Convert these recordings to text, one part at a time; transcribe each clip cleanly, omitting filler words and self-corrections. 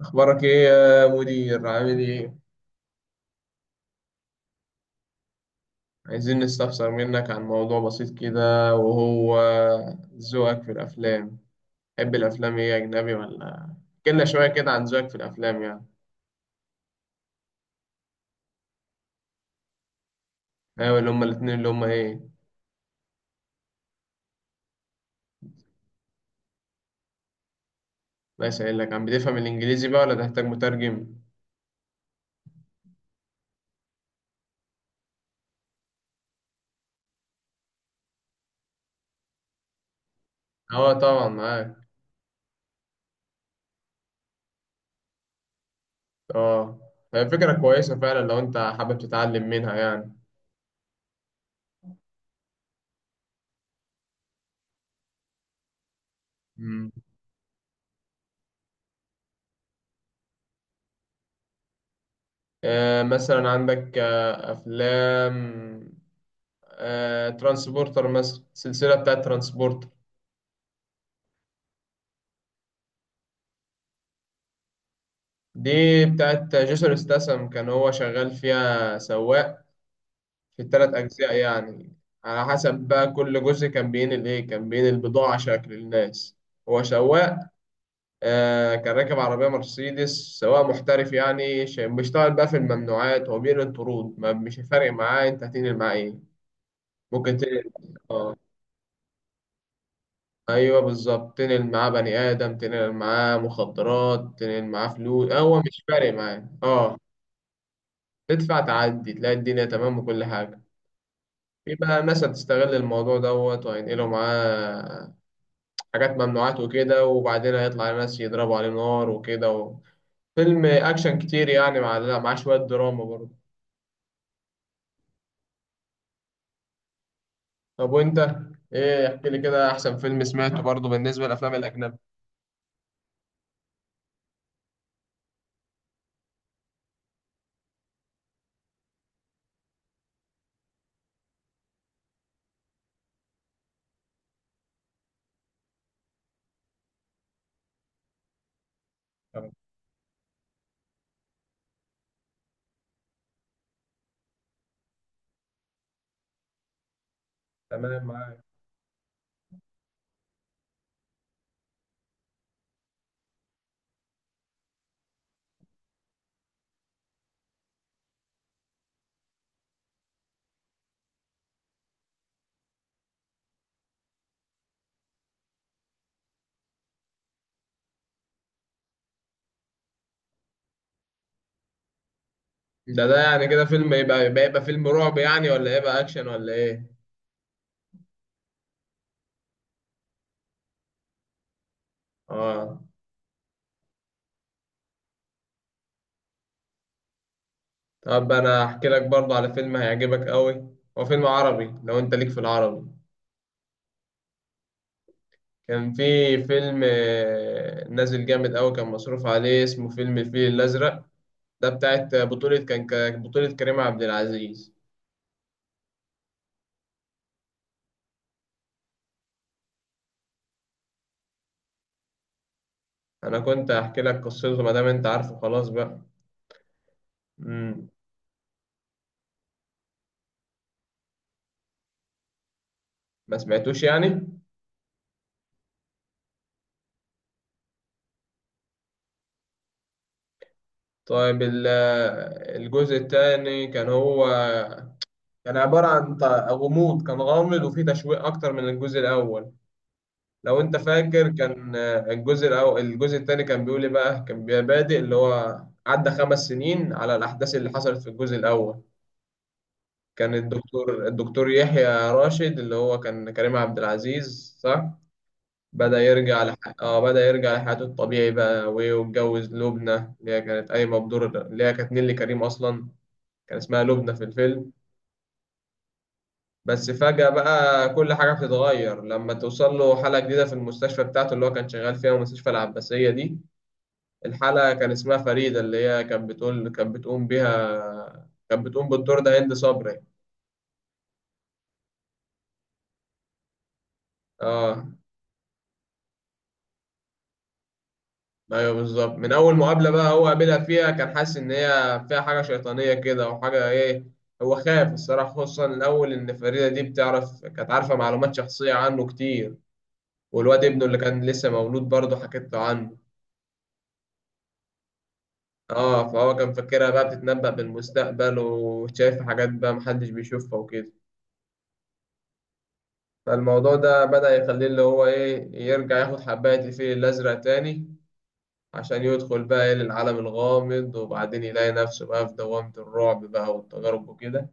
أخبارك إيه يا مدير؟ عامل إيه؟ عايزين نستفسر منك عن موضوع بسيط كده وهو ذوقك في الأفلام، تحب الأفلام إيه أجنبي ولا؟ احكيلنا شوية كده عن ذوقك في الأفلام يعني. أيوة اللي هما الاتنين اللي هما إيه؟ الله يسهلك، عم بتفهم الإنجليزي بقى ولا تحتاج مترجم؟ أه طبعا معاك. أه، هي فكرة كويسة فعلا لو أنت حابب تتعلم منها يعني. مم. آه مثلا عندك أفلام، ترانسبورتر مثلا، السلسلة بتاعت ترانسبورتر. دي بتاعت جيسون استسم، كان هو شغال فيها سواق في 3 أجزاء يعني. على حسب بقى كل جزء كان بينقل إيه، كان بينقل بضاعة شكل للناس. هو سواق، آه كان راكب عربية مرسيدس. سواق محترف يعني بيشتغل بقى في الممنوعات، هو بينقل طرود، ما مش فارق معاه أنت هتنقل معاه إيه، ممكن تنقل. آه أيوه بالظبط، تنقل معاه بني آدم، تنقل معاه مخدرات، تنقل معاه فلوس، هو مش فارق معاه. آه تدفع تعدي تلاقي الدنيا تمام وكل حاجة. يبقى مثلا تستغل الموضوع دوت وهينقلوا معاه حاجات ممنوعات وكده، وبعدين هيطلع ناس يضربوا عليه نار وكده فيلم أكشن كتير يعني، مع لا مع شوية دراما برضه. طب وأنت إيه، احكي لي كده أحسن فيلم سمعته برضه بالنسبة للأفلام الأجنبي. طب تمام معاك. ده يعني كده فيلم يبقى فيلم رعب يعني، ولا يبقى أكشن ولا إيه؟ آه. طب أنا أحكي لك برضه على فيلم هيعجبك أوي، هو فيلم عربي لو أنت ليك في العربي. كان في فيلم، آه، نازل جامد أوي، كان مصروف عليه، اسمه فيلم الفيل الأزرق. ده بتاعت بطولة كان كان بطولة كريم عبد العزيز. أنا كنت هحكي لك قصته، ما دام أنت عارفه خلاص بقى. مم. ما سمعتوش يعني. طيب الجزء الثاني كان هو كان عبارة عن غموض، كان غامض وفيه تشويق أكتر من الجزء الأول. لو انت فاكر كان، آه، الجزء الاول الجزء الثاني كان بيقول ايه بقى، كان بيبقى بادئ اللي هو عدى 5 سنين على الاحداث اللي حصلت في الجزء الاول. كان الدكتور يحيى راشد اللي هو كان كريم عبد العزيز، صح. بدأ يرجع اه بدأ يرجع لحياته الطبيعي بقى، وايه واتجوز لبنى اللي هي كانت قايمة بدور، اللي هي كانت نيللي كريم اصلا. كان اسمها لبنى في الفيلم. بس فجأة بقى كل حاجة بتتغير لما توصل له حالة جديدة في المستشفى بتاعته اللي هو كان شغال فيها، المستشفى العباسية دي. الحلقة كان اسمها فريدة، اللي هي كانت بتقول، كانت بتقوم بيها، كانت بتقوم بالدور ده هند صبري. اه ايوه بالظبط، من اول مقابلة بقى هو قابلها فيها كان حاسس ان هي فيها حاجة شيطانية كده، وحاجة ايه. هو خاف الصراحة، خصوصا الاول، ان فريدة دي بتعرف، كانت عارفة معلومات شخصية عنه كتير، والواد ابنه اللي كان لسه مولود برضه حكيت له عنه. اه فهو كان فاكرها بقى بتتنبأ بالمستقبل، وشايف حاجات بقى محدش بيشوفها وكده. فالموضوع ده بدأ يخليه اللي هو إيه يرجع ياخد حباية الفيل الأزرق تاني، عشان يدخل بقى إيه للعالم الغامض، وبعدين يلاقي نفسه بقى في دوامة الرعب بقى والتجارب وكده.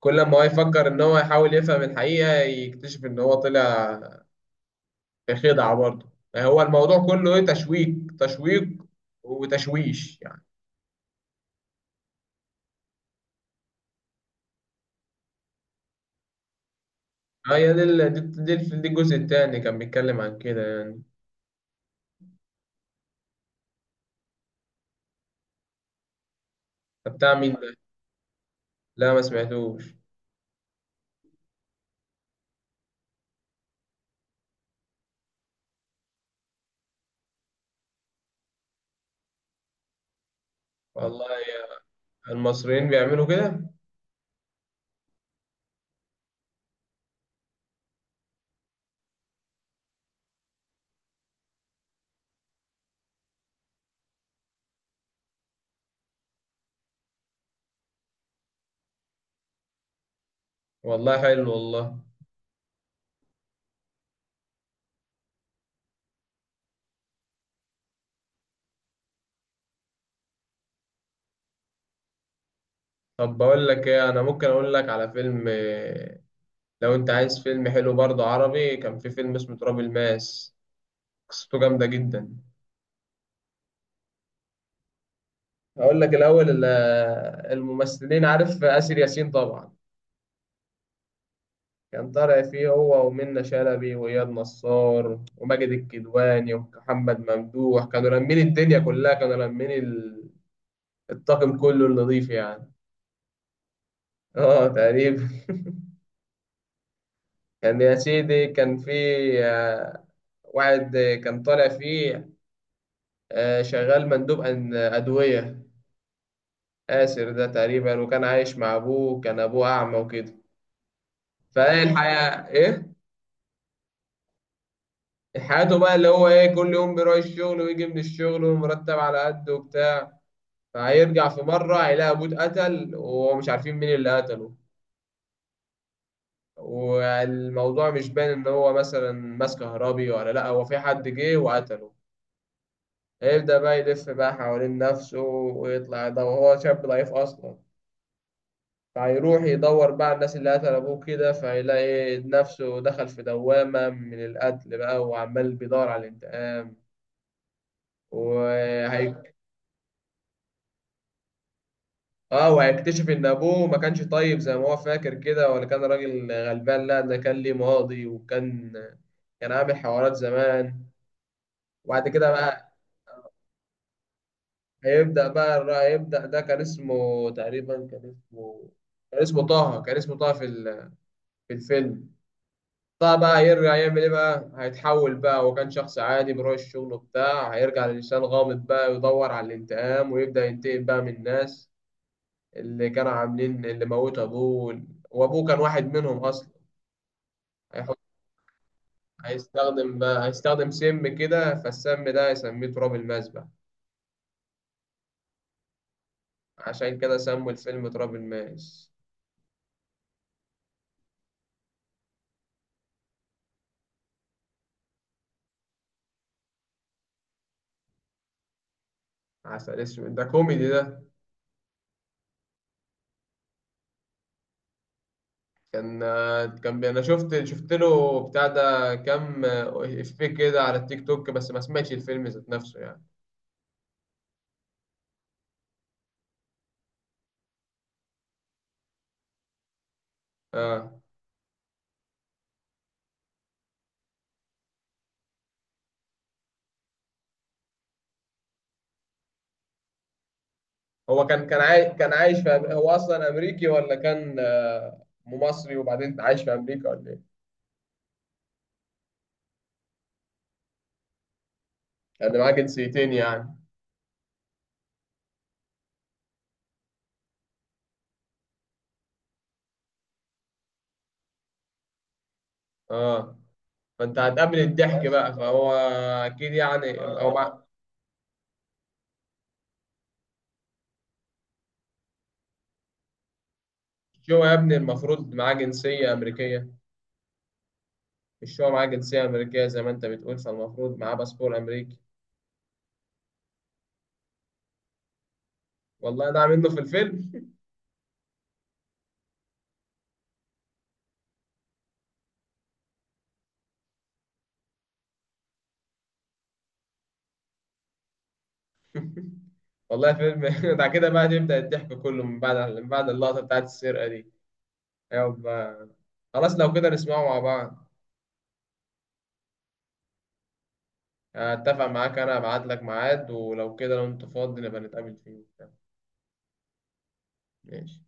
كل ما هو يفكر إن هو يحاول يفهم الحقيقة، يكتشف إن هو طلع في خدعة برضه. يعني هو الموضوع كله إيه، تشويق، تشويق وتشويش يعني. آه، هي دي دي الجزء التاني كان بيتكلم عن كده يعني. طب بتاع مين ده؟ لا ما سمعتوش. والله يا- المصريين بيعملوا كده. والله حلو والله. طب بقول لك ايه، انا ممكن اقول لك على فيلم، آه، لو انت عايز فيلم حلو برضه عربي، كان في فيلم اسمه تراب الماس. قصته جامدة جدا. هقول لك الاول آه، الممثلين، عارف آسر ياسين طبعا. كان طالع فيه هو ومنة شلبي وإياد نصار وماجد الكدواني ومحمد ممدوح، كانوا لامين الدنيا كلها، كانوا لامين الطاقم كله النظيف يعني. اه تقريبا. كان يا سيدي كان في، آه، واحد، آه، كان طالع فيه، آه، شغال مندوب أدوية، آسر ده تقريبا. وكان عايش مع أبوه، كان أبوه أعمى وكده. فإيه يا الحياة إيه؟ حياته بقى اللي هو إيه، كل يوم بيروح الشغل ويجي من الشغل والمرتب على قده وبتاع. فهيرجع في مرة هيلاقي أبوه اتقتل، ومش عارفين مين اللي قتله، والموضوع مش باين إن هو مثلا ماس كهربي ولا لأ، هو في حد جه وقتله. هيبدأ بقى يلف بقى حوالين نفسه ويطلع ده، وهو شاب ضعيف أصلا. فهيروح يدور بقى على الناس اللي قتل أبوه كده، فهيلاقي نفسه دخل في دوامة من القتل بقى، وعمال بيدور على الانتقام وهي... اه وهيكتشف ان ابوه ما كانش طيب زي ما هو فاكر كده، ولا كان راجل غلبان، لا ده كان ليه ماضي، وكان عامل حوارات زمان. وبعد كده بقى هيبدأ، ده كان اسمه تقريبا، كان اسمه طه كان اسمه طه في في الفيلم. طبعا بقى هيرجع يعمل ايه بقى، هيتحول بقى، هو كان شخص عادي بيروح الشغل بتاع، هيرجع لإنسان غامض بقى يدور على الانتقام، ويبدأ ينتقم بقى من الناس اللي كانوا عاملين، اللي موتوا أبوه، وأبوه كان واحد منهم أصلا. هيحط، هيستخدم بقى، هيستخدم سم كده، فالسم ده هيسميه تراب الماس بقى. عشان كده سموا الفيلم تراب الماس. عسل اسود ده كوميدي ده. كان انا شفت له بتاع ده كام افيه كده على التيك توك، بس ما سمعتش الفيلم ذات نفسه يعني. اه هو كان عايش في هو اصلا امريكي ولا كان، آه، مصري وبعدين عايش في امريكا ولا ايه؟ كان معاه جنسيتين يعني. اه فانت هتقابل الضحك بقى، فهو اكيد يعني هو مش هو يا ابني المفروض معاه جنسية امريكية؟ مش هو معاه جنسية امريكية زي ما انت بتقول، فالمفروض معاه باسبور امريكي. والله ده منه في الفيلم. والله فيلم. بعد كده بقى يبدأ الضحك كله، من بعد اللقطة بتاعت السرقة دي. ايوه بقى. خلاص لو كده نسمعه مع بعض. اتفق معاك، انا ابعت لك ميعاد، ولو كده لو انت فاضي نبقى نتقابل فيه. ماشي